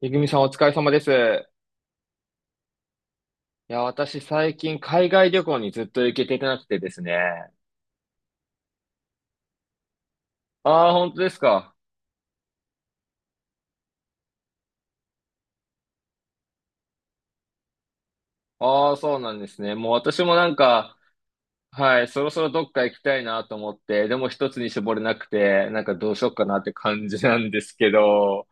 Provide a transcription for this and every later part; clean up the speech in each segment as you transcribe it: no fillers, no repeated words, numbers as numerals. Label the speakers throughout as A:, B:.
A: めぐみさんお疲れ様です。いや、私最近海外旅行にずっと行けてなくてですね。ああ、本当ですか。ああ、そうなんですね。もう私もなんか、はい、そろそろどっか行きたいなと思って、でも一つに絞れなくて、なんかどうしようかなって感じなんですけど、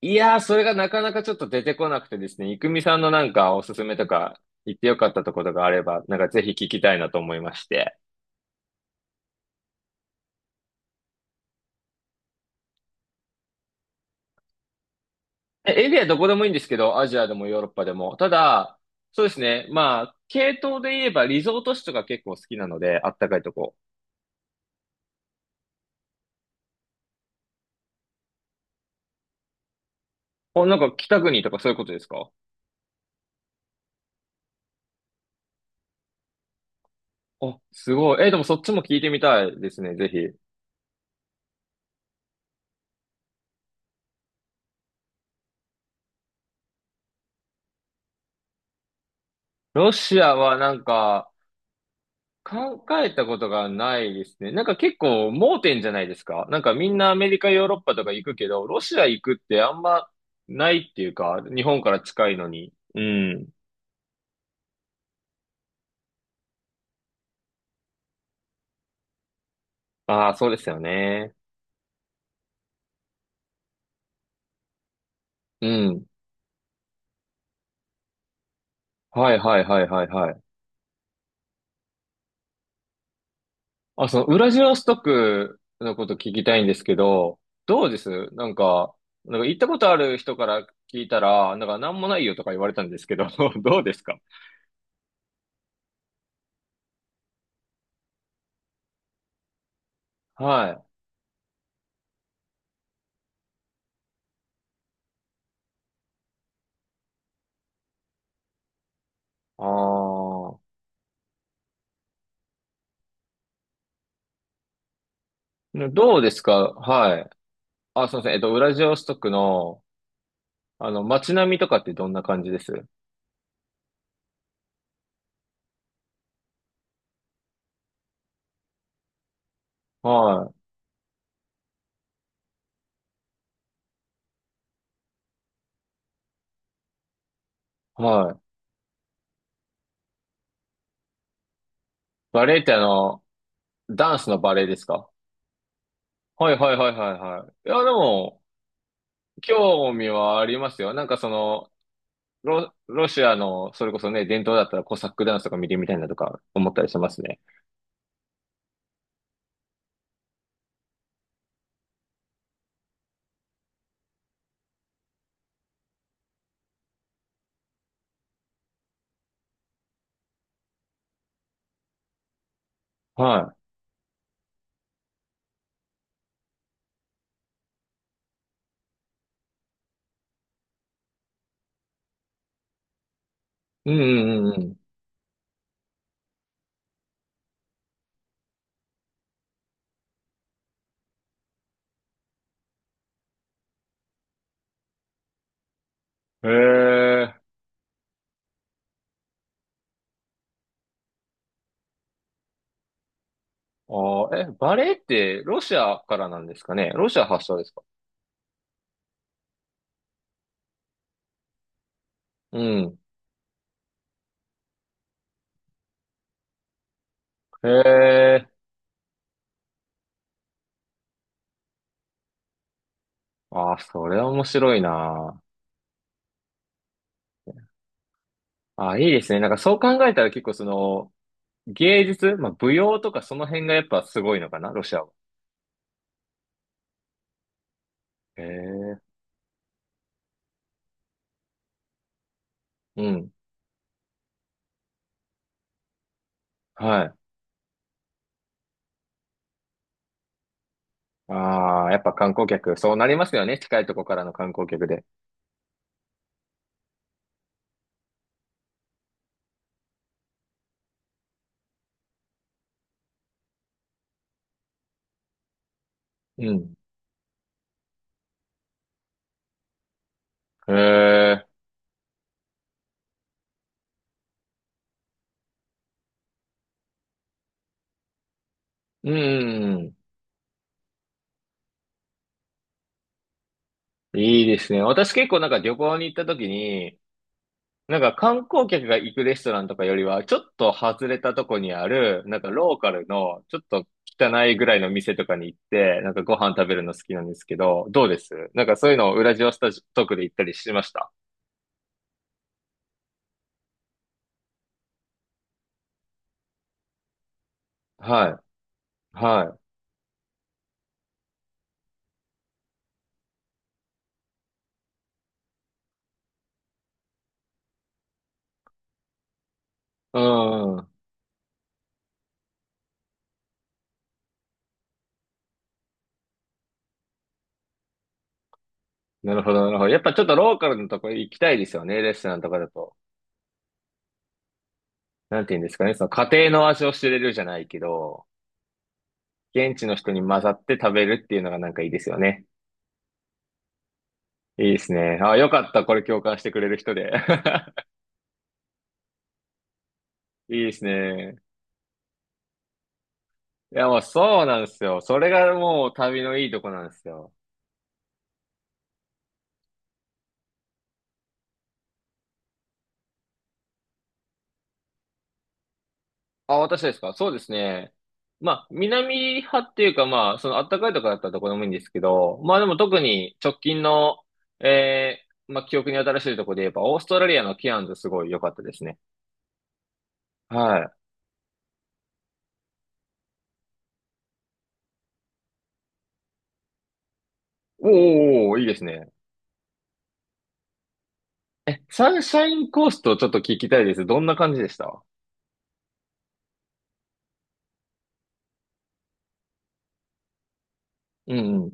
A: いやー、それがなかなかちょっと出てこなくてですね、いくみさんのなんかおすすめとか、行ってよかったところがあれば、なんかぜひ聞きたいなと思いまして。えエリアどこでもいいんですけど、アジアでもヨーロッパでも。ただ、そうですね。まあ、系統で言えばリゾート地とか結構好きなので、あったかいとこ。お、なんか北国とかそういうことですか？あ、すごい。え、でもそっちも聞いてみたいですね、ぜひ。ロシアはなんか、考えたことがないですね。なんか結構盲点じゃないですか。なんかみんなアメリカ、ヨーロッパとか行くけど、ロシア行くってあんまないっていうか、日本から近いのに。うん。ああ、そうですよね。うん。はいはいはいはいはい。あ、その、ウラジオストクのこと聞きたいんですけど、どうですなんか、なんか行ったことある人から聞いたら、なんかなんもないよとか言われたんですけど、どうですか？はい。ああ。どうですか？はい。あ、すいません。ウラジオストクの、あの、街並みとかってどんな感じです？はい。はい。バレエってあの、ダンスのバレエですか？はいはいはいはいはい。いや、でも、興味はありますよ。なんかその、ロシアの、それこそね、伝統だったらコサックダンスとか見てみたいなとか思ったりしますね。はい。うんうんうんうん。へえ。ああえ、バレエってロシアからなんですかね？ロシア発祥ですか？うん。へえ。ああ、それは面白いな。ああ、いいですね。なんかそう考えたら結構その、芸術、まあ舞踊とかその辺がやっぱすごいのかな？ロシアは。へえ。うん。はい。ああ、やっぱ観光客、そうなりますよね。近いとこからの観光客で。うん。へえ、うん、いいですね。私結構なんか旅行に行った時に、なんか観光客が行くレストランとかよりは、ちょっと外れたとこにある、なんかローカルの、ちょっと汚いぐらいの店とかに行って、なんかご飯食べるの好きなんですけど、どうですなんかそういうのをウラジオストクで行ったりしました？はい。はい。うん。なるほど、なるほど。やっぱちょっとローカルのとこ行きたいですよね、レストランとかだと。なんて言うんですかね、その家庭の味を知れるじゃないけど、現地の人に混ざって食べるっていうのがなんかいいですよね。いいですね。あ、よかった。これ共感してくれる人で。いいですね。いや、もうそうなんですよ。それがもう旅のいいとこなんですよ。あ、私ですか？そうですね。まあ、南派っていうか、まあ、そのあったかいとこだったらどこでもいいんですけど、まあでも特に直近の、えまあ記憶に新しいとこで言えば、オーストラリアのケアンズすごい良かったですね。はい。おーおーおー、いいですね。え、サンシャインコーストちょっと聞きたいです。どんな感じでした？うんうん。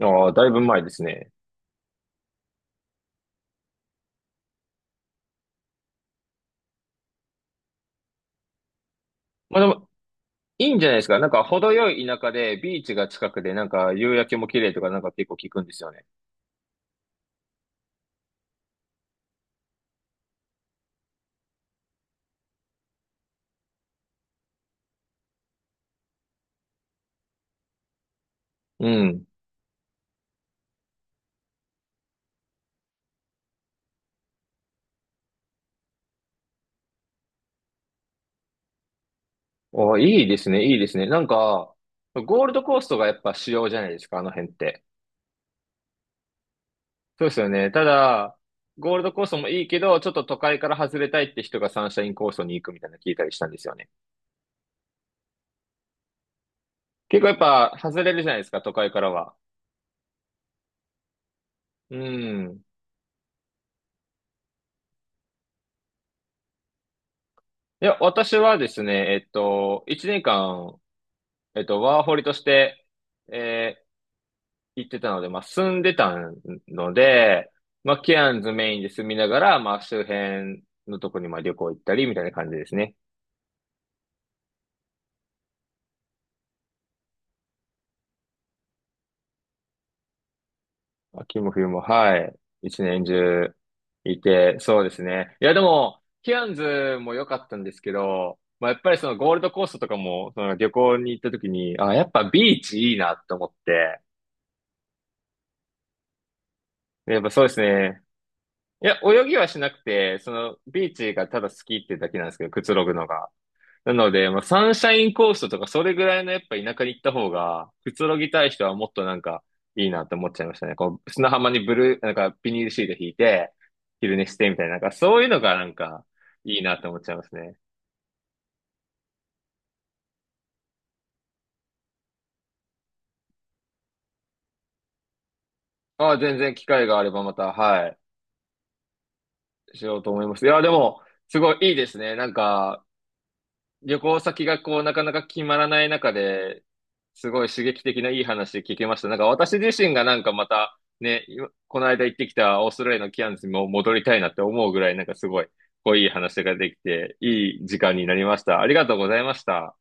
A: ああ、だいぶ前ですね。まあでも、いいんじゃないですか。なんか、程よい田舎で、ビーチが近くで、なんか、夕焼けも綺麗とか、なんか結構聞くんですよね。うん。ああ、いいですね、いいですね。なんか、ゴールドコーストがやっぱ主要じゃないですか、あの辺って。そうですよね。ただ、ゴールドコーストもいいけど、ちょっと都会から外れたいって人がサンシャインコーストに行くみたいなの聞いたりしたんですよね。結構やっぱ、外れるじゃないですか、都会からは。うん。いや、私はですね、1年間ワーホリとして、えー行ってたので、まあ、住んでたので、まあ、ケアンズメインで住みながら、まあ、周辺のとこにまあ旅行行ったりみたいな感じですね。秋も冬も、はい。一年中いて、そうですね。いや、でも、ケアンズも良かったんですけど、まあ、やっぱりそのゴールドコーストとかも、その旅行に行った時に、あ、やっぱビーチいいなと思って、でやっぱそうですね。いや、泳ぎはしなくて、その、ビーチがただ好きってだけなんですけど、くつろぐのが。なので、まあ、サンシャインコーストとか、それぐらいのやっぱ田舎に行った方が、くつろぎたい人はもっとなんか、いいなって思っちゃいましたね。こう、砂浜にブルー、なんか、ビニールシート引いて、昼寝してみたいな、なんか、そういうのがなんか、いいなって思っちゃいますね。ああ、全然機会があればまた、はい、しようと思います。いや、でも、すごいいいですね。なんか、旅行先がこう、なかなか決まらない中で、すごい刺激的ないい話聞けました。なんか私自身がなんかまた、ね、今この間行ってきたオーストラリアのキャンズにも戻りたいなって思うぐらい、なんかすごい、こういい話ができて、いい時間になりました。ありがとうございました。